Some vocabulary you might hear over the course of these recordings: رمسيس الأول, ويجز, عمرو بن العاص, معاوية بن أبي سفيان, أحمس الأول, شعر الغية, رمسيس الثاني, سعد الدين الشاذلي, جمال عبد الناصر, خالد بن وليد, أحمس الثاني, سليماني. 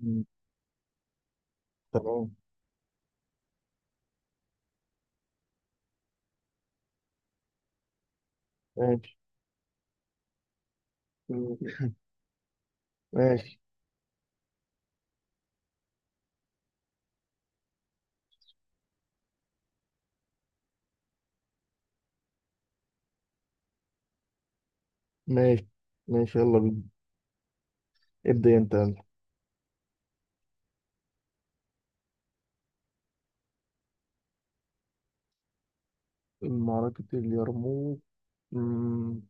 مم. تمام. ماشي. ماشي. ماشي. ماشي. يلا بينا. ابدأ انت. يلا، معركة اليرموك. مم،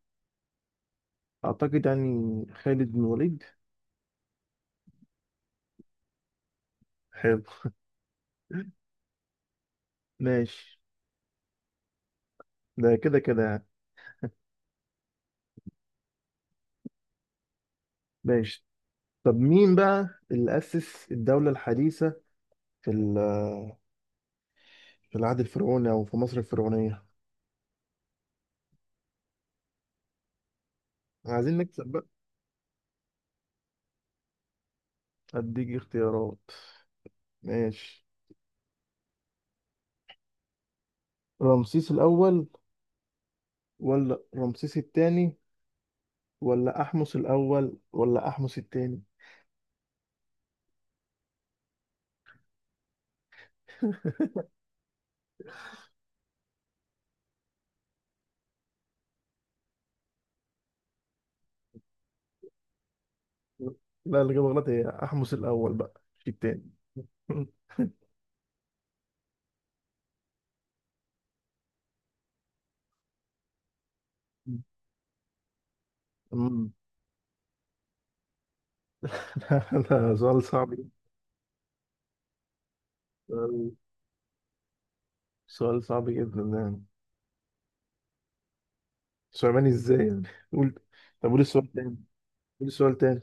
أعتقد يعني خالد بن وليد حلو. ماشي. ده كده كده يعني. ماشي. طب مين بقى اللي أسس الدولة الحديثة في ال- في العهد الفرعوني، أو في مصر الفرعونية؟ عايزين نكسب بقى. أديك اختيارات. ماشي. رمسيس الأول، ولا رمسيس الثاني، ولا أحمس الأول، ولا أحمس الثاني؟ لا، اللي جاب غلط هي احمس الاول بقى، مش التاني. أمم. لا لا، سؤال صعب جدا. سؤال صعب جدا يعني. سليماني ازاي يعني؟ قول. طب قول السؤال تاني. قول السؤال تاني.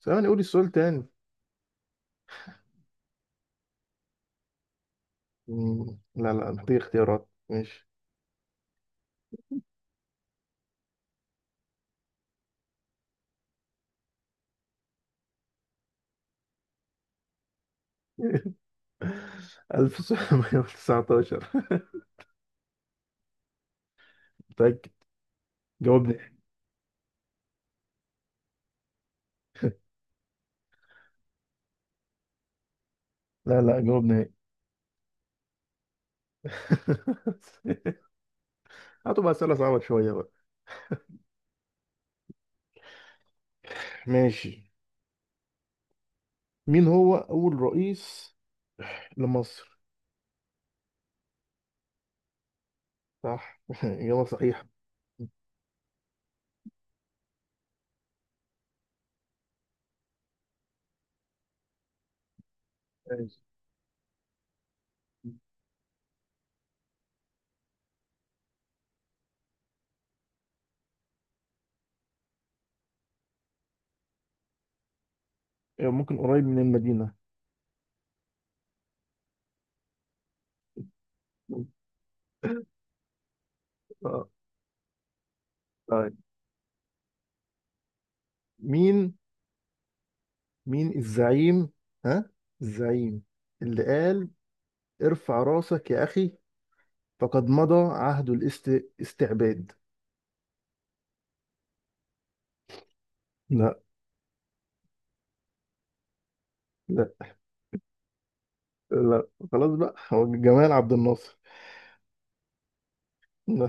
سليماني، قول السؤال تاني. أمم. لا لا، محتاج اختيارات. ماشي. 1919. متأكد. جاوبني. لا لا، جاوبني. هاتوا بقى أسئلة صعبة شوية بقى. ماشي. مين هو أول رئيس لمصر؟ صح. إجابة صحيحة. ماشي. ممكن قريب من المدينة. آه، طيب. مين مين الزعيم، ها، الزعيم اللي قال: ارفع راسك يا أخي، فقد مضى عهد الاستعباد؟ لا. لا. لا، خلاص بقى، هو جمال عبد الناصر. لا.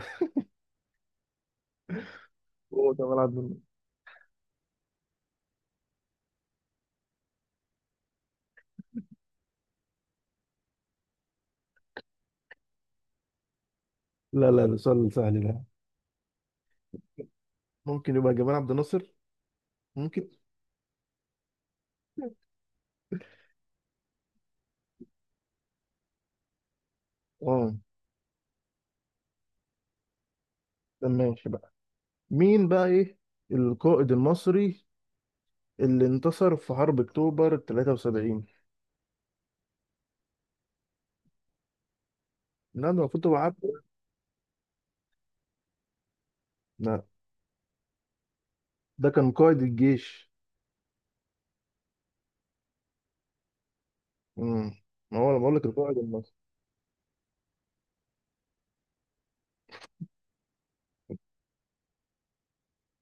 هو جمال عبد الناصر. لا لا، ده سؤال سهل ده. ممكن يبقى جمال عبد الناصر. ممكن. اه. ده ماشي بقى. مين بقى، ايه، القائد المصري اللي انتصر في حرب أكتوبر 73؟ لا، ده المفروض تبقى عارفه. لا. ده كان قائد الجيش. امم ما هو أنا بقول لك القائد المصري.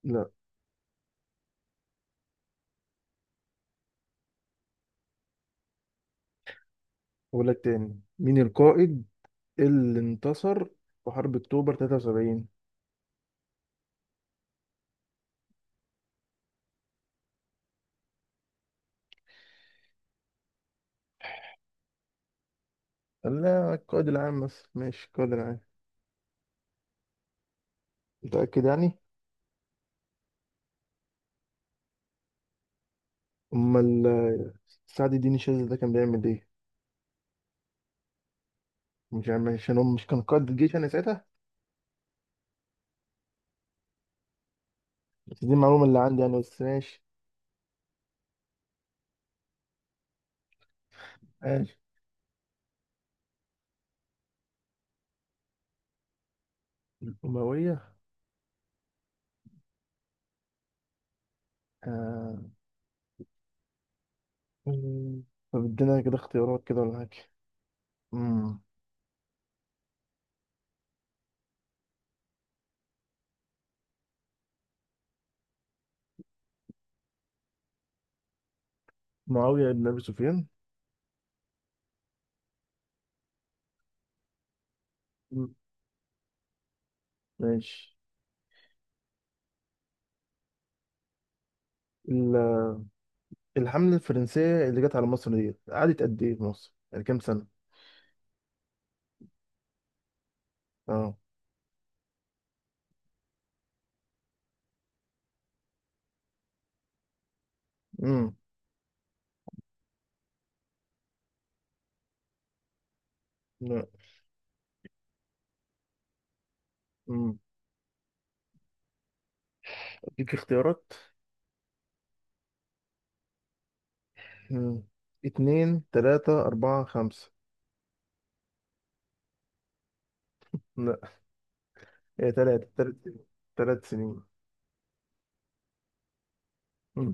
لا. بقول لك تاني، مين القائد اللي انتصر في حرب أكتوبر 73؟ قال لا، القائد العام، بس ماشي، القائد العام. متأكد يعني؟ أمال سعد الدين الشاذلي ده كان بيعمل إيه؟ مش عارف عشان هو مش كان قائد الجيش يعني ساعتها. بس دي المعلومة اللي عندي يعني، بس ماشي. ماشي. الأموية. آه. طب ادينا كده اختيارات كده ولا حاجة. مم. معاوية بن أبي سفيان. مم. ماشي. ال- الحملة الفرنسية اللي جت على مصر ديت قعدت قد إيه في مصر؟ يعني كام سنة؟ أه. مم. لا. مم. أديك اختيارات. مم. اتنين، تلاتة، أربعة، خمسة؟ لا. هي تلاتة، تلات سنين. مم.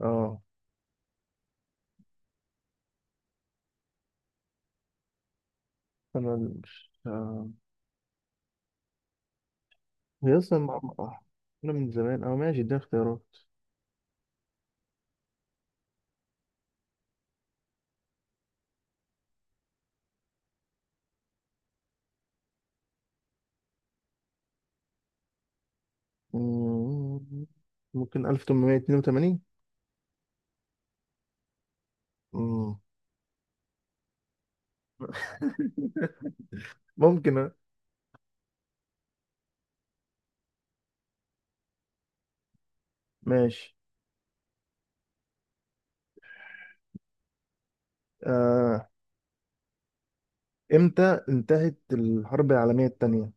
أه، أنا مش. هي أصلا. أنا من زمان. ماشي، اديني اختيارات. مم. ممكن 1882. مم. ممكن آه. ماشي. آه، امتى انتهت الحرب العالمية التانية؟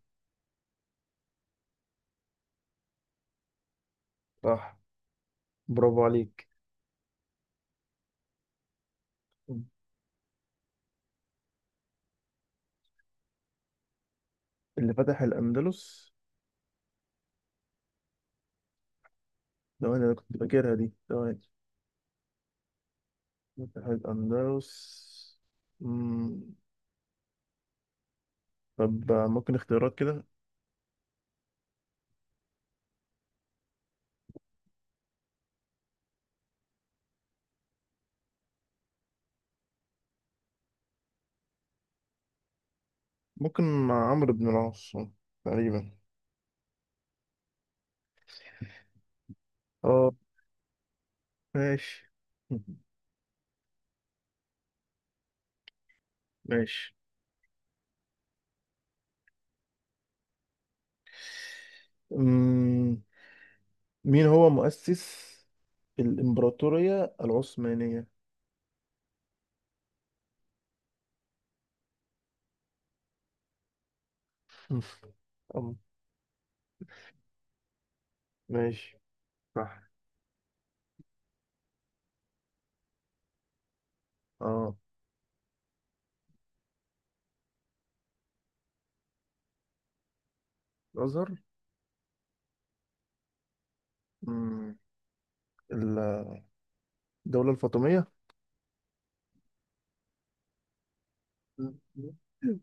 صح. برافو عليك. اللي فتح الأندلس. ثواني، أنا كنت فاكرها دي. ثواني. فتح الأندلس. مم. طب، ممكن اختيارات كده؟ ممكن مع عمرو بن العاص تقريبا. اه. ماشي. ماشي. مم. مين هو مؤسس الإمبراطورية العثمانية؟ أم، ماشي. صح. اه، الأزهر. الدولة الفاطمية.